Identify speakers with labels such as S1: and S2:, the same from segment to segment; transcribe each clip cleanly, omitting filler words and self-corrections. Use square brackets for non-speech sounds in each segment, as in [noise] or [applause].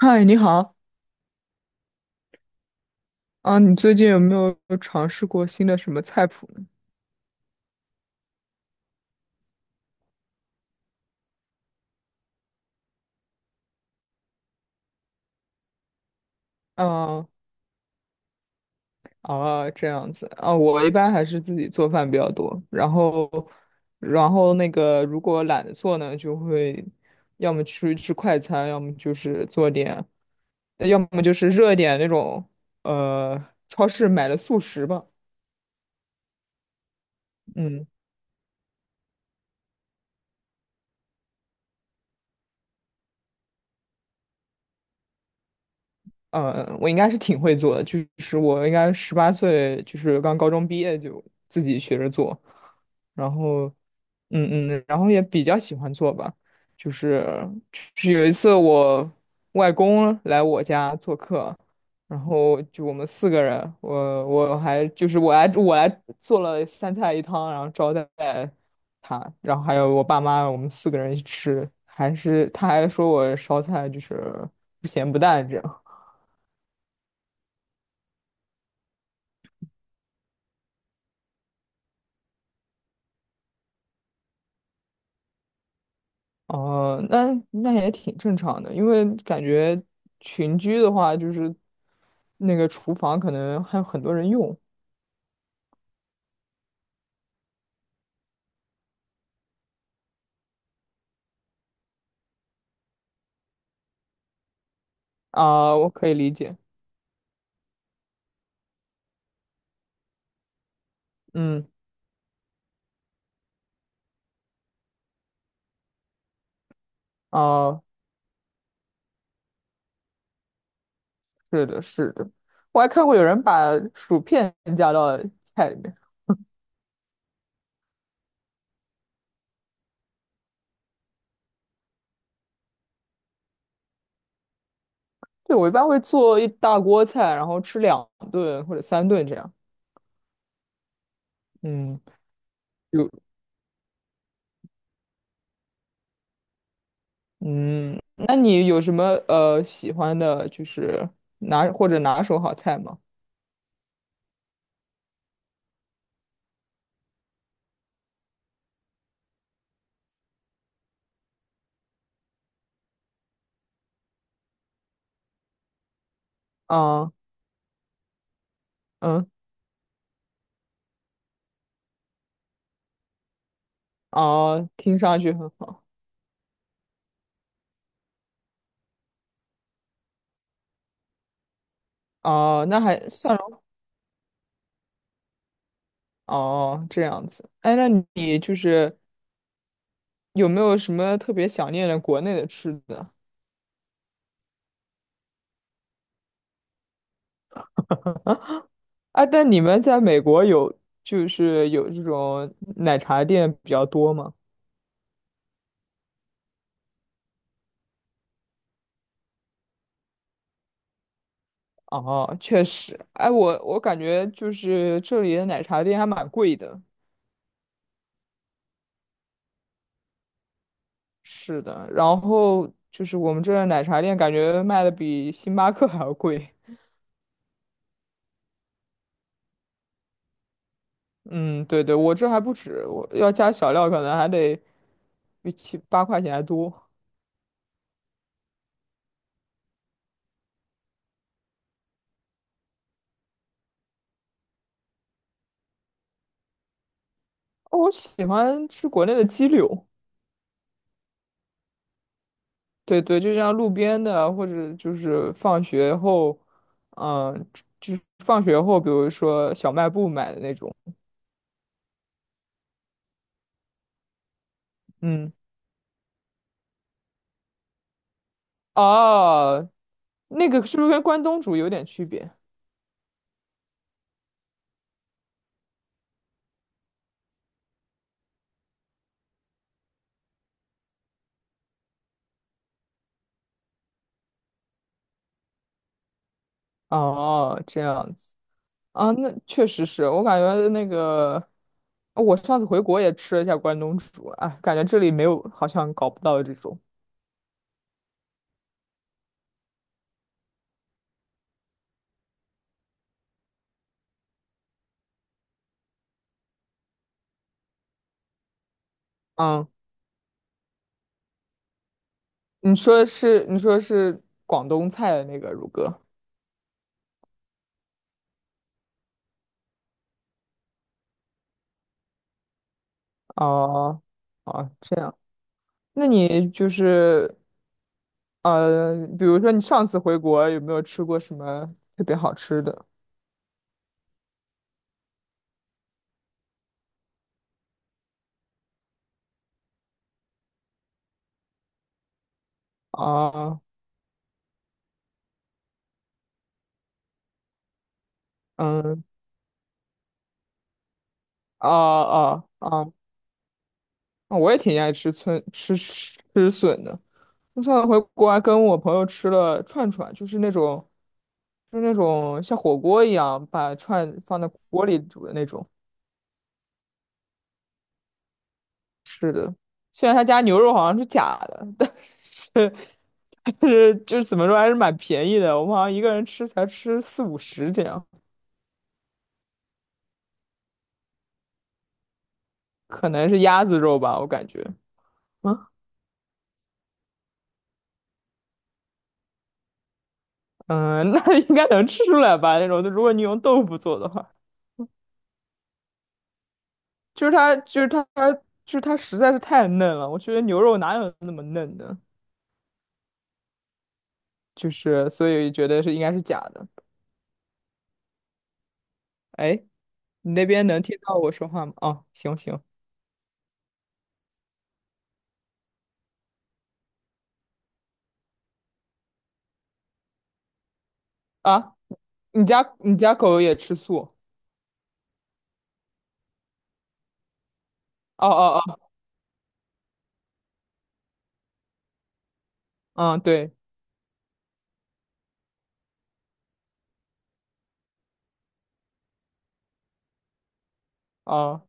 S1: 嗨，你好。啊，你最近有没有尝试过新的什么菜谱呢？啊啊，这样子啊，我一般还是自己做饭比较多，然后那个如果懒得做呢，就会要么出去吃快餐，要么就是做点，要么就是热一点那种，呃，超市买的速食吧。嗯。我应该是挺会做的，就是我应该18岁，就是刚高中毕业就自己学着做，然后，嗯嗯，然后也比较喜欢做吧，就是就是有一次我外公来我家做客，然后就我们四个人，我还就是我来做了三菜一汤，然后招待他，然后还有我爸妈，我们四个人一起吃，还是他还说我烧菜就是不咸不淡这样。哦，那也挺正常的，因为感觉群居的话，就是那个厨房可能还有很多人用啊，我可以理解。嗯，啊，是的，是的，我还看过有人把薯片加到菜里面。对，我一般会做一大锅菜，然后吃2顿或者3顿这样。嗯，有，嗯，那你有什么喜欢的，就是拿或者拿手好菜吗？啊，嗯，啊，听上去很好。哦，那还算了哦，这样子。哎，那你就是有没有什么特别想念的国内的吃的？啊，但你们在美国有就是有这种奶茶店比较多吗？哦，确实。哎，我感觉就是这里的奶茶店还蛮贵的。是的，然后就是我们这儿的奶茶店感觉卖的比星巴克 [laughs] 还要贵。嗯，对对，我这还不止，我要加小料可能还得比七八块钱还多。我喜欢吃国内的鸡柳，对对，就像路边的啊，或者就是放学后，嗯，就是放学后，比如说小卖部买的那种，嗯，哦，那个是不是跟关东煮有点区别？哦，这样子啊，那确实是我感觉那个，我上次回国也吃了一下关东煮，哎，感觉这里没有，好像搞不到这种。嗯，你说的是广东菜的那个乳鸽。哦，哦，这样，那你就是比如说你上次回国有没有吃过什么特别好吃的？啊，嗯，啊啊啊，啊我也挺爱吃村吃吃笋的。我上次回国还跟我朋友吃了串串，就是那种像火锅一样把串放在锅里煮的那种。是的，虽然他家牛肉好像是假的，是但是就是怎么说还是蛮便宜的。我们好像一个人吃才吃四五十这样。可能是鸭子肉吧，我感觉。啊，[laughs] 嗯，那 [laughs] 应该能吃出来吧？那种，如果你用豆腐做的话，就是它，就是它，就是它实在是太嫩了。我觉得牛肉哪有那么嫩的？就是所以觉得是应该是假的。哎，你那边能听到我说话吗？哦，行行。啊，你家狗也吃素？哦哦哦，嗯，对，啊，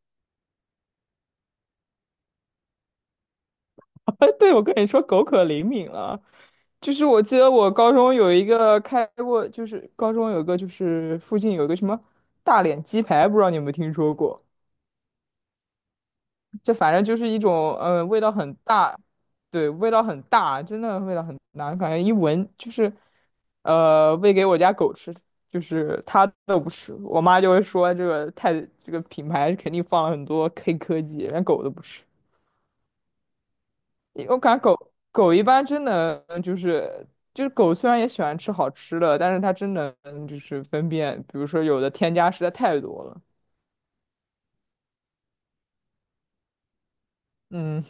S1: [laughs] 对，我跟你说，狗可灵敏了。就是我记得我高中有一个开过，就是高中有个就是附近有一个什么大脸鸡排，不知道你有没有听说过？这反正就是一种，嗯，味道很大，对，味道很大，真的味道很大，感觉一闻就是，喂给我家狗吃，就是它都不吃，我妈就会说这个太这个品牌肯定放了很多黑科技，连狗都不吃。我感觉狗狗一般真能，就是狗虽然也喜欢吃好吃的，但是它真能就是分辨，比如说有的添加实在太多了。嗯。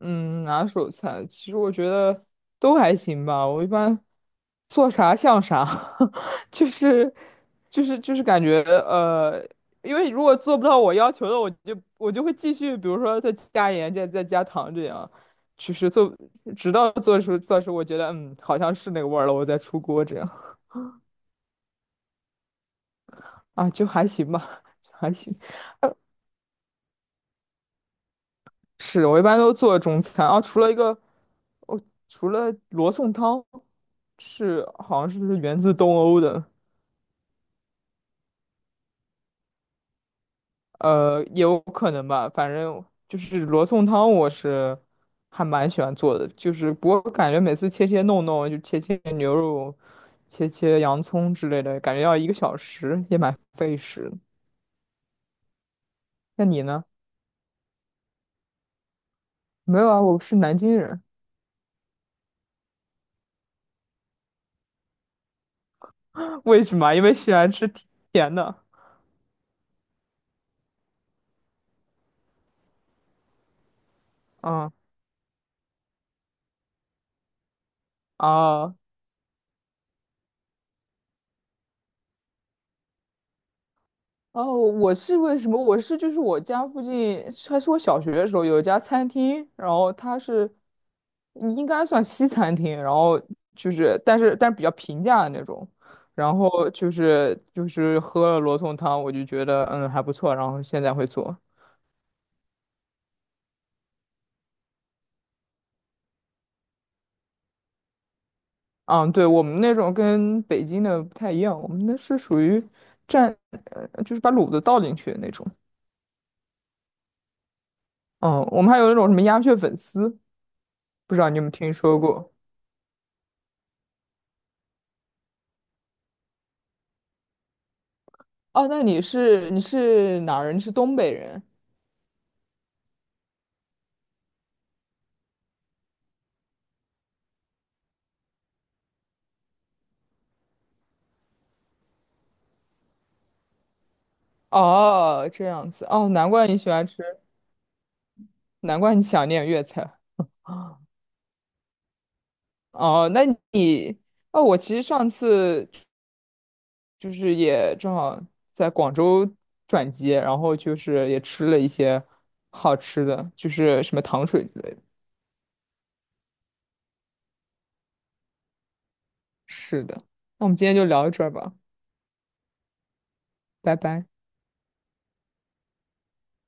S1: 嗯，拿手菜，其实我觉得都还行吧。我一般做啥像啥，[laughs] 就是就是感觉因为如果做不到我要求的，我就会继续，比如说再加盐、再加糖这样，就是做直到做出我觉得好像是那个味儿了，我再出锅这样。啊，就还行吧，[laughs] 就还行。是我一般都做中餐啊，除了一个，我除了罗宋汤是好像是源自东欧的，也有可能吧，反正就是罗宋汤我是还蛮喜欢做的，就是不过感觉每次切切弄弄就切切牛肉、切切洋葱之类的，感觉要1个小时，也蛮费时的。那你呢？没有啊，我是南京人，[laughs] 为什么？因为喜欢吃甜的。嗯啊。哦，我是为什么？我是就是我家附近，还是我小学的时候有一家餐厅，然后它是应该算西餐厅，然后就是但是比较平价的那种，然后就是喝了罗宋汤，我就觉得还不错，然后现在会做。嗯，对，我们那种跟北京的不太一样，我们那是属于蘸，就是把卤子倒进去的那种。嗯，我们还有那种什么鸭血粉丝，不知道你有没有听说过？哦，那你是哪儿人？你是东北人？哦，这样子。哦，难怪你喜欢吃，难怪你想念粤菜。啊哦，那你，哦，我其实上次就是也正好在广州转机，然后就是也吃了一些好吃的，就是什么糖水之类的。是的，那我们今天就聊到这儿吧，拜拜。